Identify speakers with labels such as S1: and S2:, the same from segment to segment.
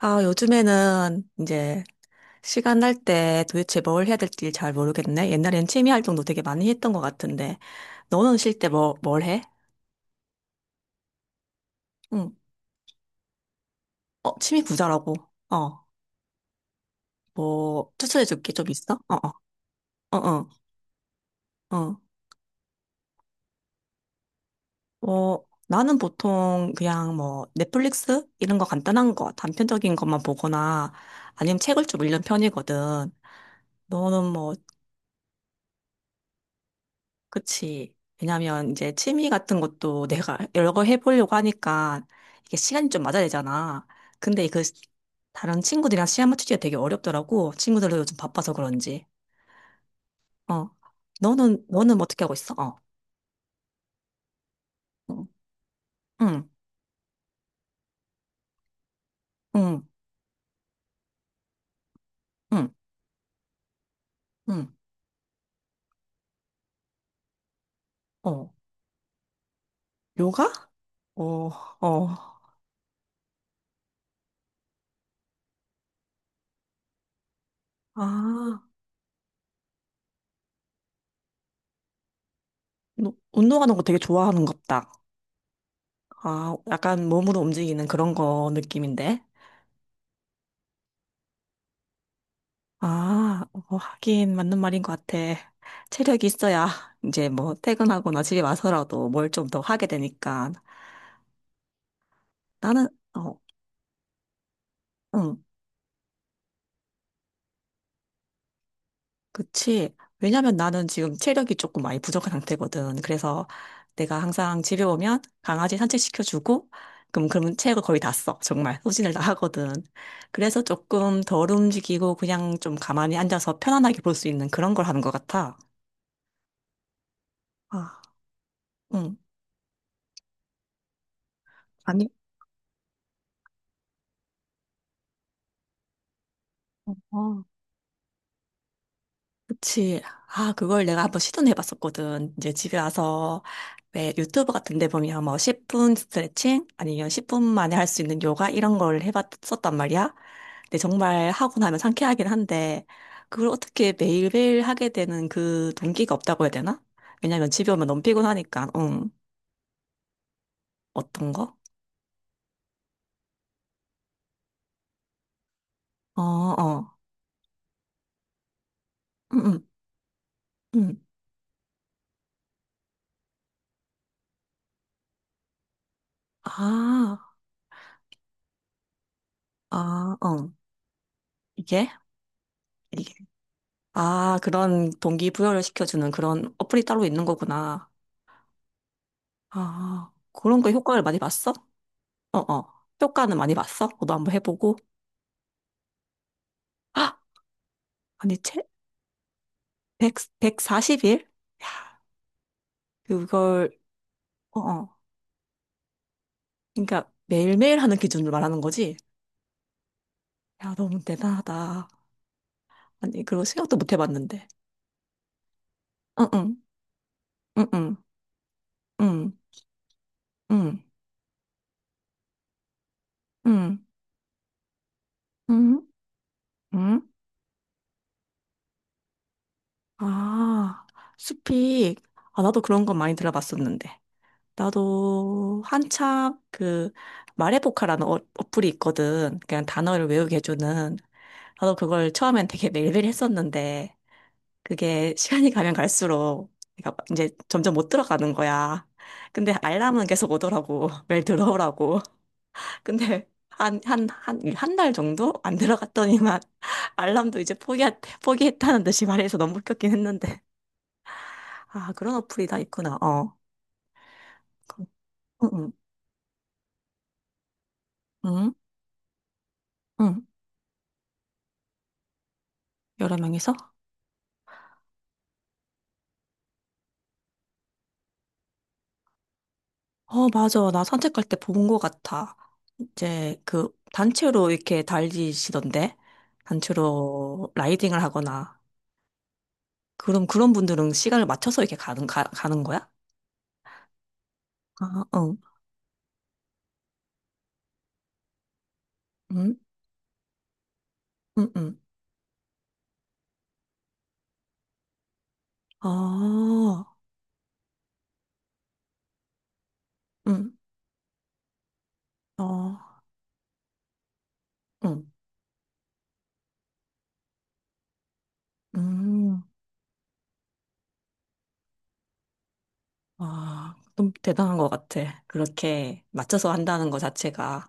S1: 아, 요즘에는 이제 시간 날 때 도대체 뭘 해야 될지 잘 모르겠네. 옛날엔 취미 활동도 되게 많이 했던 것 같은데. 너는 쉴 때 뭘 해? 응. 어, 취미 부자라고. 어, 뭐, 추천해 줄게 좀 있어? 어, 어, 어, 어, 어. 뭐, 나는 보통 그냥 뭐, 넷플릭스? 이런 거 간단한 거, 단편적인 것만 보거나 아니면 책을 좀 읽는 편이거든. 너는 뭐, 그치. 왜냐면 이제 취미 같은 것도 내가 여러 걸 해보려고 하니까 이게 시간이 좀 맞아야 되잖아. 근데 그 다른 친구들이랑 시간 맞추기가 되게 어렵더라고. 친구들도 요즘 바빠서 그런지. 어. 너는 어떻게 하고 있어? 어. 응, 응, 응, 응. 응. 어. 요가? 어, 어. 아, 너 운동하는 거 되게 좋아하는갑다. 아, 약간 몸으로 움직이는 그런 거 느낌인데. 아, 어, 하긴 맞는 말인 것 같아. 체력이 있어야 이제 뭐 퇴근하거나 집에 와서라도 뭘 좀 더 하게 되니까. 나는, 어, 응, 그치. 왜냐면 나는 지금 체력이 조금 많이 부족한 상태거든. 그래서 내가 항상 집에 오면 강아지 산책시켜주고, 그럼, 그러면 체력을 거의 다 써. 정말. 소진을 다 하거든. 그래서 조금 덜 움직이고 그냥 좀 가만히 앉아서 편안하게 볼 수 있는 그런 걸 하는 것 같아. 아, 응. 아니, 어. 그치. 아, 그걸 내가 한번 시도는 해봤었거든. 이제 집에 와서 왜 유튜브 같은 데 보면 뭐 10분 스트레칭 아니면 10분 만에 할 수 있는 요가 이런 걸 해봤었단 말이야. 근데 정말 하고 나면 상쾌하긴 한데 그걸 어떻게 매일매일 하게 되는 그 동기가 없다고 해야 되나? 왜냐면 집에 오면 너무 피곤하니까. 응. 어떤 거? 어, 어. 응, 응, 응. 아, 아, 어. 이게? 이게. 아, 그런 동기부여를 시켜주는 그런 어플이 따로 있는 거구나. 아, 그런 거 효과를 많이 봤어? 어, 어. 효과는 많이 봤어? 너도 한번 해보고. 아, 아니, 1백 사십 4 0일 그걸, 어, 어. 그러니까 매일매일 하는 기준을 말하는 거지? 야, 너무 대단하다. 아니, 그거 생각도 못 해봤는데. 응, 응, 응, 응, 응, 응, 응, 응, 응. 아, 숲이, 아, 나도 그런 거 많이 들어봤었는데. 나도 한참 그 말해보카라는 어, 어플이 있거든. 그냥 단어를 외우게 해주는. 나도 그걸 처음엔 되게 매일매일 했었는데 그게 시간이 가면 갈수록 내가 이제 점점 못 들어가는 거야. 근데 알람은 계속 오더라고. 매일 들어오라고. 근데 한 달 정도 안 들어갔더니만 알람도 이제 포기했다는 듯이 말해서 너무 웃겼긴 했는데. 아, 그런 어플이 다 있구나. 어. 응, 응, 응, 응. 여러 명이서? 어, 맞아. 나 산책 갈 때 본 것 같아. 이제 그 단체로 이렇게 달리시던데? 단체로 라이딩을 하거나. 그럼 그런 분들은 시간을 맞춰서 이렇게 가는 거야? 아, 응. 응? 응, 응. 아, 응. 어, 응. 음. 와, 좀 대단한 것 같아. 그렇게 맞춰서 한다는 것 자체가.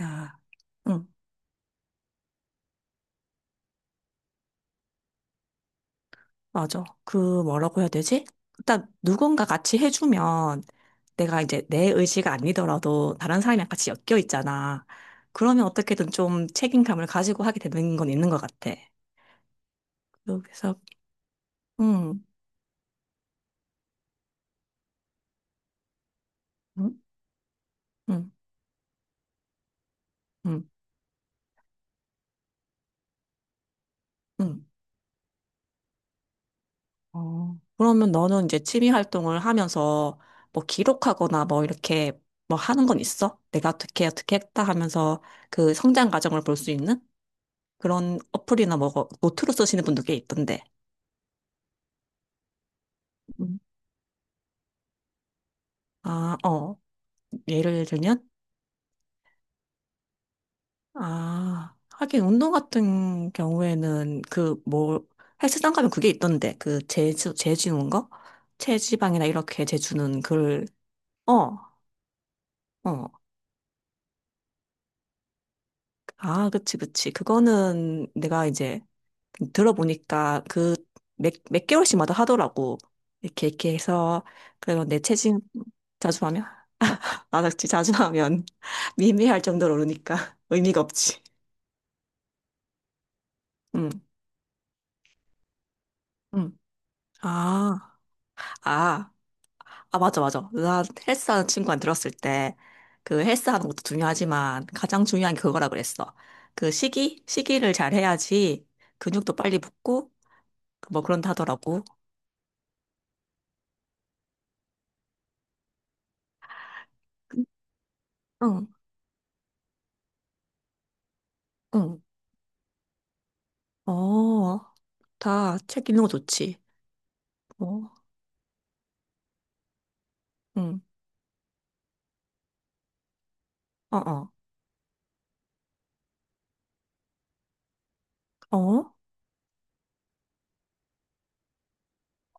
S1: 야, 응. 맞아. 그 뭐라고 해야 되지? 일단 누군가 같이 해주면 내가 이제 내 의지가 아니더라도 다른 사람이랑 같이 엮여 있잖아. 그러면 어떻게든 좀 책임감을 가지고 하게 되는 건 있는 것 같아. 그래서, 음, 음, 음, 음, 음. 어, 그러면 너는 이제 취미 활동을 하면서 뭐 기록하거나 뭐 이렇게 뭐 하는 건 있어? 내가 어떻게 어떻게 했다 하면서 그 성장 과정을 볼 수 있는 그런 어플이나 뭐 노트로 쓰시는 분도 꽤 있던데. 음. 아, 어. 예를 들면? 아, 하긴 운동 같은 경우에는 그 뭐 헬스장 가면 그게 있던데 그 재주 재주는 거 체지방이나 이렇게 재주는 그걸 어, 어. 아, 그치, 그치. 그거는 내가 이제 들어보니까 그 몇 개월씩마다 하더라고. 이렇게 이렇게 해서 그러면 내 체중 자주 하면 아, 나 진짜 자주 하면 미미할 정도로 오르니까 의미가 없지. 응, 응. 아, 아. 아, 맞아, 맞아. 나 헬스하는 친구한테 들었을 때, 그 헬스하는 것도 중요하지만, 가장 중요한 게 그거라 그랬어. 그 시기? 시기를 잘 해야지 근육도 빨리 붙고, 뭐 그런다 하더라고. 응, 응. 어, 다 책 읽는 거 좋지. 어, 응, 어, 어, 어?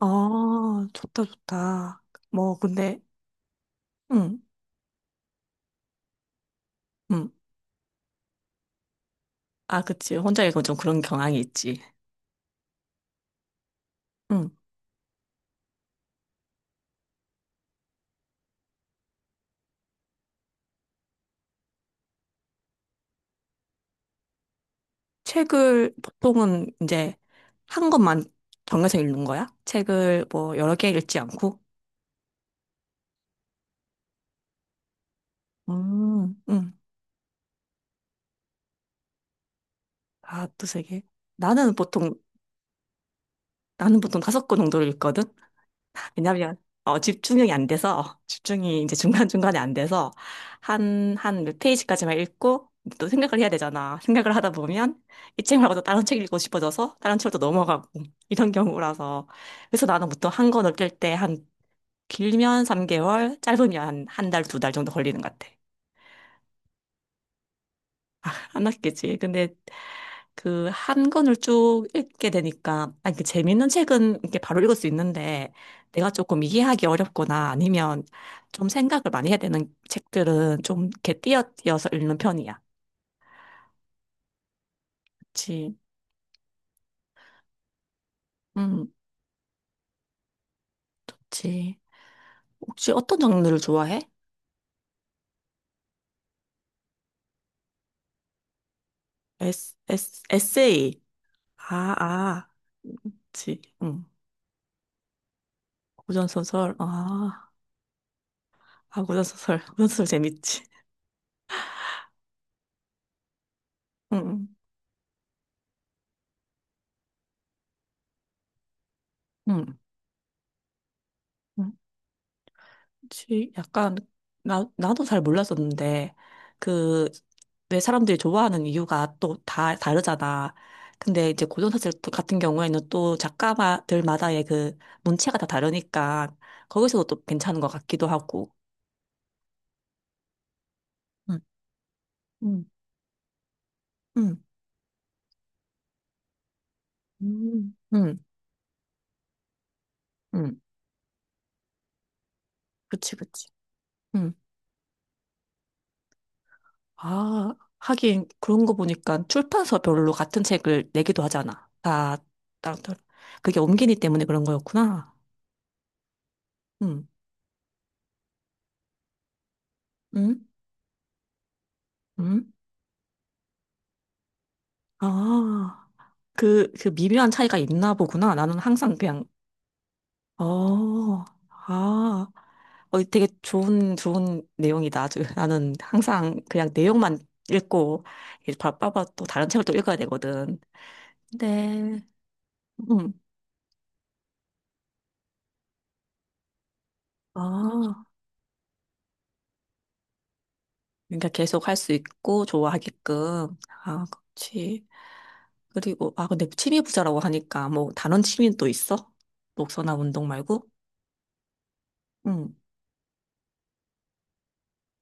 S1: 아, 좋다, 좋다. 뭐, 근데, 응, 응. 아, 그치. 혼자 읽으면 좀 그런 경향이 있지. 응. 책을 보통은 이제 한 권만 정해서 읽는 거야? 책을 뭐 여러 개 읽지 않고? 음, 음. 아, 또 세 개. 나는 보통, 나는 보통 다섯 권 정도를 읽거든? 왜냐면, 어, 집중력이 안 돼서, 어, 집중이 이제 중간중간에 안 돼서, 한 몇 페이지까지만 읽고, 또 생각을 해야 되잖아. 생각을 하다 보면, 이 책 말고 또 다른 책 읽고 싶어져서, 다른 책으로 또 넘어가고, 이런 경우라서. 그래서 나는 보통 한 권 읽을 때한 길면 3개월, 짧으면 한 달, 두 달 정도 걸리는 것 같아. 안 낫겠지. 근데 그 한 권을 쭉 읽게 되니까, 아니, 그 재밌는 책은 이렇게 바로 읽을 수 있는데, 내가 조금 이해하기 어렵거나 아니면 좀 생각을 많이 해야 되는 책들은 좀 이렇게 띄어띄어서 읽는 편이야. 그치. 음, 그치. 혹시 어떤 장르를 좋아해? 에세이. 아, 아. 그치. 응. 고전소설. 아, 아, 고전소설. 고전소설 재밌지. 응, 응, 응. 지- 약간, 나, 나도 잘 몰랐었는데, 그, 왜 사람들이 좋아하는 이유가 또 다 다르잖아. 근데 이제 고전사슬 같은 경우에는 또 작가들마다의 그 문체가 다 다르니까, 거기서도 또 괜찮은 것 같기도 하고. 응, 응, 응, 응, 응. 그치, 그치. 응. 아, 하긴 그런 거 보니까 출판사별로 같은 책을 내기도 하잖아. 다, 따 그게 옮기니 때문에 그런 거였구나. 음, 음, 음. 아, 그, 그 미묘한 차이가 있나 보구나. 나는 항상 그냥, 어, 아, 어, 되게 좋은, 좋은 내용이다. 아주 나는 항상 그냥 내용만 읽고, 이제 바빠봐 또 다른 책을 또 읽어야 되거든. 네. 음, 아. 그러니까 계속 할 수 있고 좋아하게끔. 아, 그렇지. 그리고 아, 근데 취미 부자라고 하니까 뭐 다른 취미는 또 있어? 목서나 운동 말고? 응.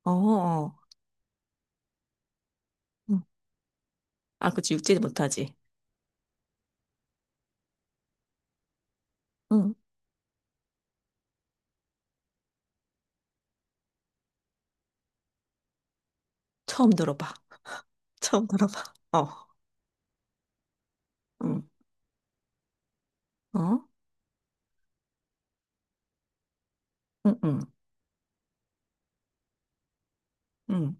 S1: 어, 어. 어. 응. 아, 그치. 육지 못하지. 응. 처음 들어봐. 처음 들어봐. 어. 응. 어? 응, 응. 응.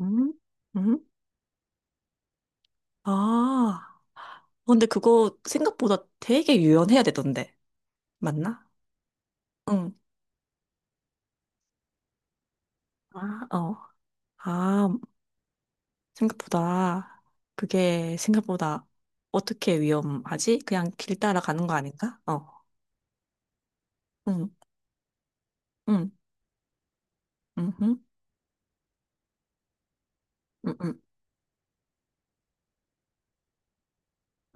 S1: 응? 응? 아. 어, 근데 그거 생각보다 되게 유연해야 되던데. 맞나? 응. 아, 어. 아, 생각보다 그게 생각보다 어떻게 위험하지? 그냥 길 따라가는 거 아닌가? 어. 응. 응. 응. 응. 응. 응.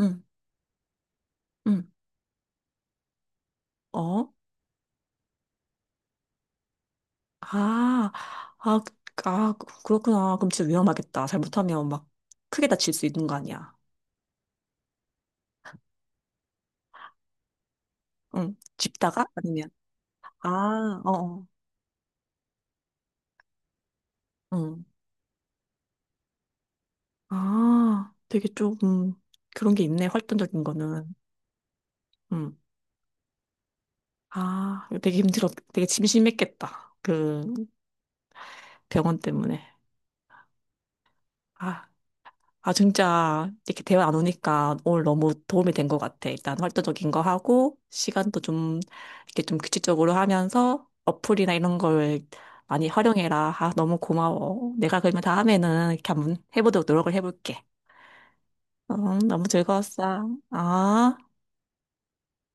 S1: 응. 응. 어? 아. 그렇구나. 그럼 진짜 위험하겠다. 잘못하면 막 크게 다칠 수 있는 거 아니야. 응. 집다가 아니면 아, 어. 어. 응. 아, 되게 조금 그런 게 있네. 활동적인 거는. 응. 아, 되게 심심했겠다. 그 병원 때문에. 아, 아, 진짜, 이렇게 대화 안 오니까 오늘 너무 도움이 된 것 같아. 일단 활동적인 거 하고, 시간도 좀, 이렇게 좀 규칙적으로 하면서, 어플이나 이런 걸 많이 활용해라. 아, 너무 고마워. 내가 그러면 다음에는 이렇게 한번 해보도록 노력을 해볼게. 너무 즐거웠어. 아.